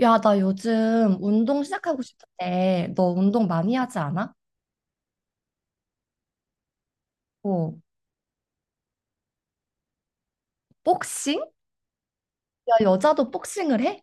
야, 나 요즘 운동 시작하고 싶은데, 너 운동 많이 하지 않아? 어, 복싱? 야, 여자도 복싱을 해?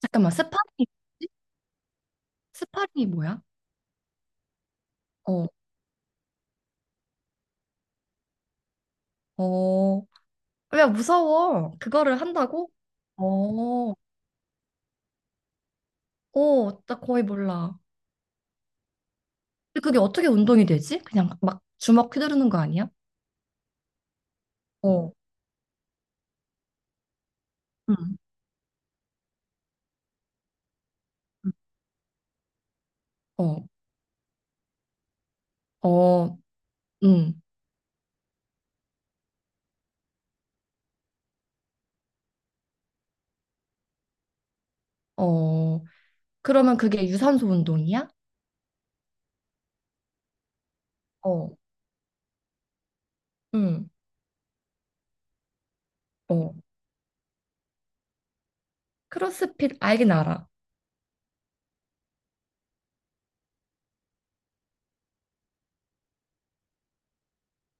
잠깐만, 스파링이 뭐지? 스파링이 뭐야? 어, 어, 어, 야, 무서워. 그거를 한다고? 어, 어, 나 거의 몰라. 근데 그게 어떻게 운동이 되지? 그냥 막 주먹 휘두르는 거 아니야? 어, 응, 어, 어, 응, 어. 그러면 그게 유산소 운동이야? 어, 응, 어. 크로스핏 알긴 알아.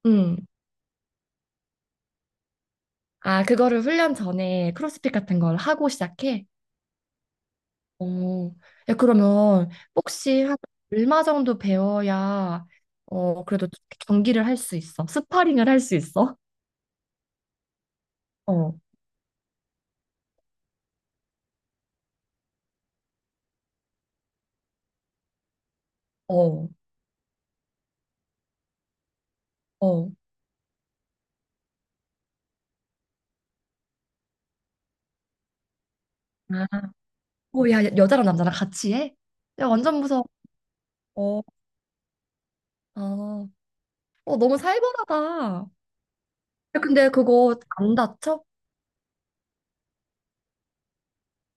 음. 아, 그거를 훈련 전에 크로스핏 같은 걸 하고 시작해? 어. 야, 그러면 혹시 한 얼마 정도 배워야 어, 그래도 경기를 할 수 있어? 스파링을 할 수 있어? 어. 어. 어. 아. 오, 야, 여자랑 남자랑 같이 해? 야, 완전 무서워. 어. 어, 어, 너무 살벌하다. 야, 근데 그거 안 다쳐?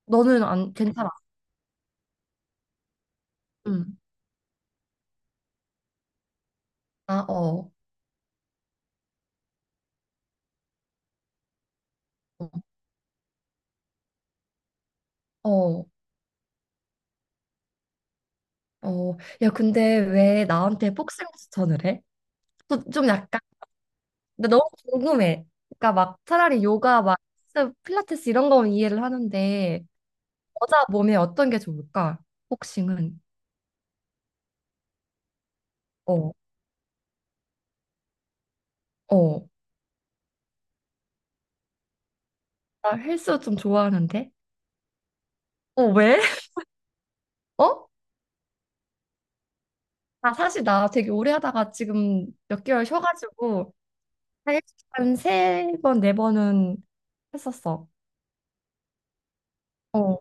너는 안 괜찮아? 응. 아, 어. 어. 어. 어. 야, 근데 왜 나한테 복싱 추천을 해? 저 좀 약간 근데 너무 궁금해. 그러니까 막 차라리 요가 막 헬스, 필라테스 이런 거면 이해를 하는데 여자 몸에 어떤 게 좋을까? 복싱은 어, 어. 나 헬스 좀 좋아하는데. 어, 왜? 어? 아, 사실 나 되게 오래 하다가 지금 몇 개월 쉬어가지고 한 세 번, 네 번은 했었어. 어.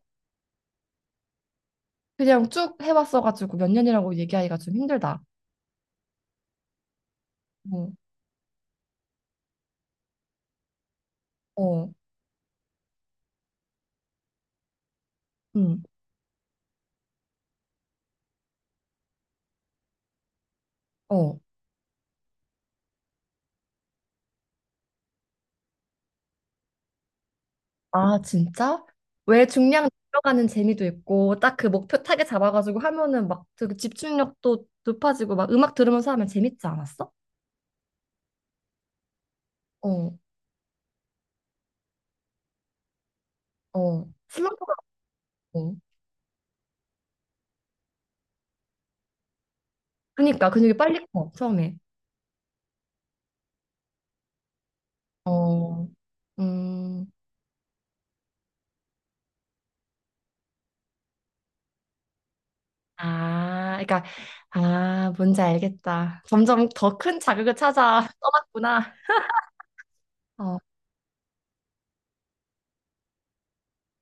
그냥 쭉 해왔어가지고 몇 년이라고 얘기하기가 좀 힘들다. 어, 어, 응 어. 아, 진짜? 왜 중량 들어가는 재미도 있고 딱 그 목표 타겟 잡아가지고 하면은 막 그 집중력도 높아지고 막 음악 들으면서 하면 재밌지 않았어? 어, 어. 슬럼프 같고. 그니까 근육이 빨리 커 처음에. 어, 음. 아, 그러니까 아, 뭔지 알겠다. 점점 더 큰 자극을 찾아 떠났구나. 어.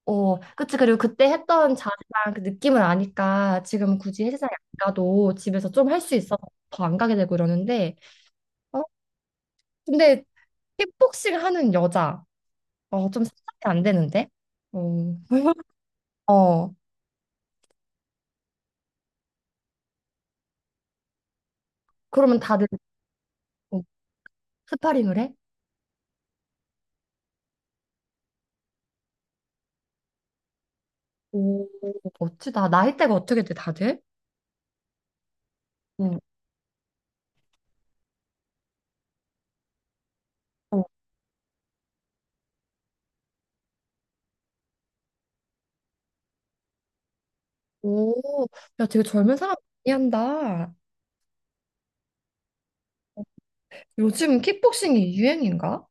어, 그치. 그리고 그때 했던 자세랑 그 느낌을 아니까 지금 굳이 헬스장에 안 가도 집에서 좀 할 수 있어서 더 안 가게 되고 이러는데, 어, 근데 킥복싱 하는 여자, 어, 좀 상상이 안 되는데? 어, 어, 그러면 다들 어, 스파링을 해? 오, 멋지다. 나이대가 어떻게 돼, 다들? 응. 어, 오, 야, 되게 젊은 사람 많이 한다. 요즘 킥복싱이 유행인가?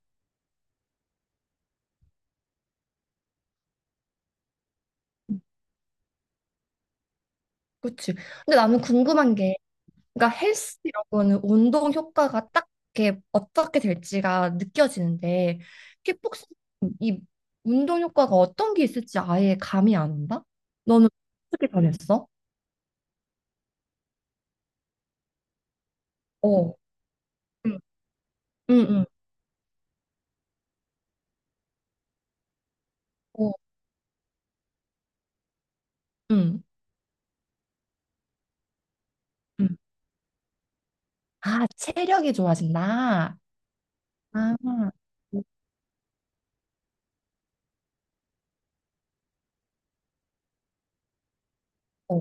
그치. 근데 나는 궁금한 게, 그러니까 헬스 이런 거는 운동 효과가 딱 이렇게 어떻게 될지가 느껴지는데 킥복싱 이 운동 효과가 어떤 게 있을지 아예 감이 안 온다? 너는 어떻게 변했어? 어. 응, 응, 응. 어, 응, 응. 아, 체력이 좋아진다. 아, 어,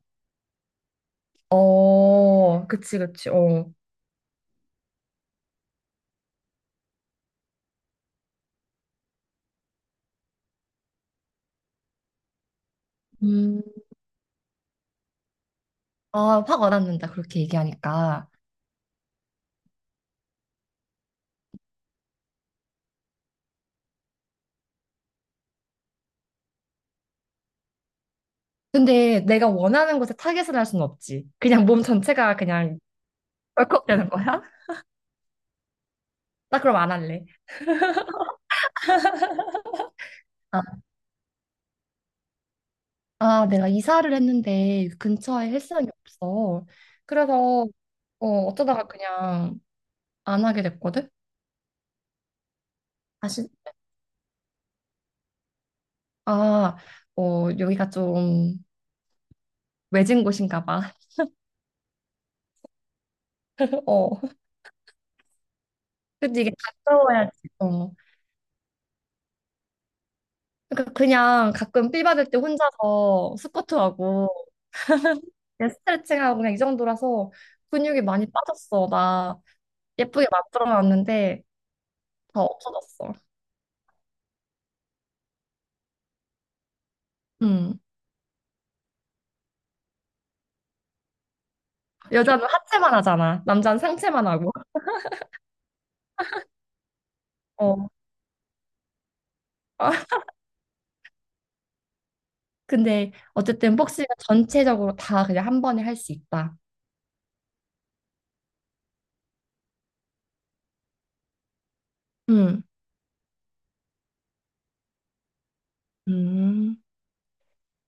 어, 그치, 그치, 어. 음, 아, 확 와닿는다, 그렇게 얘기하니까. 근데 내가 원하는 곳에 타겟을 할 수는 없지. 그냥 몸 전체가 그냥 벌컥 되는 거야? 나 그럼 안 할래. 아, 아, 내가 이사를 했는데 근처에 헬스장이 없어. 그래서 어, 어쩌다가 그냥 안 하게 됐거든. 사실 아, 어, 여기가 좀 외진 곳인가 봐. 어. 근데 이게 가까워야지. 어. 그러니까 그냥 가끔 필 받을 때 혼자서 스쿼트하고 그냥 스트레칭하고 그냥 이 정도라서 근육이 많이 빠졌어. 나 예쁘게 만들어 놨는데 다 없어졌어. 음. 여자는 하체만 하잖아. 남자는 상체만 하고. 어. 아, 근데 어쨌든 복싱은 전체적으로 다 그냥 한 번에 할 수 있다. 음. 음.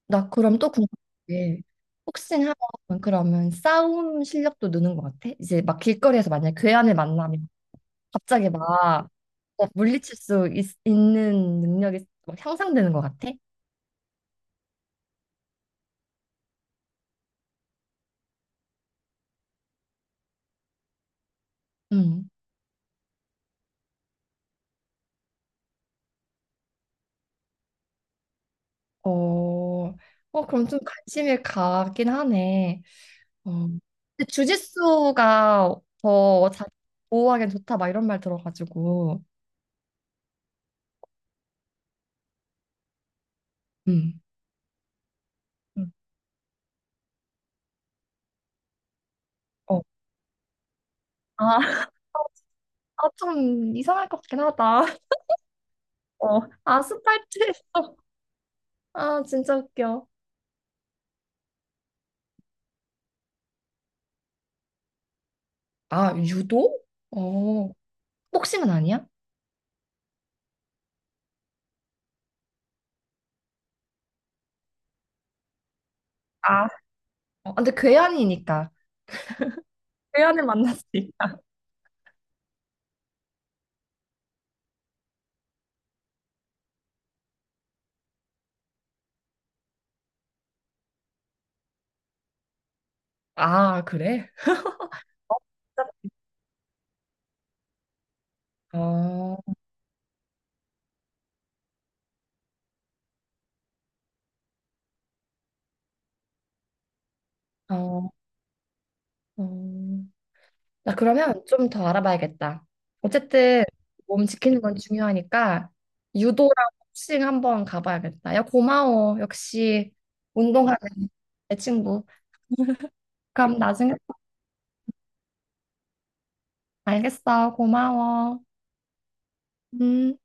나 그럼 또 궁금한 게 복싱하면 그러면 싸움 실력도 느는 것 같아? 이제 막 길거리에서 만약에 괴한을 만나면 갑자기 막 어, 물리칠 수 있, 는 능력이 막 향상되는 것 같아? 음. 어, 어, 그럼 좀 관심이 가긴 하네. 어, 근데 주짓수가 더 자기 보호하기엔 좋다 막 이런 말 들어가지고. 음. 음. 어. 아, 아, 좀 이상할 것 같긴 하다. 어. 아스팔트에서. 아, 진짜 웃겨. 아, 유도? 어. 복싱은 아니야? 아. 어, 근데 괴한이니까. 괴한을 만났으니까. 아, 그래? 어, 어, 어. 나 그러면 좀 더 알아봐야겠다. 어쨌든 몸 지키는 건 중요하니까 유도랑 복싱 한번 가봐야겠다. 야, 고마워. 역시 운동하는 내 친구. 그럼 나중에 또 알겠어. 고마워. 음.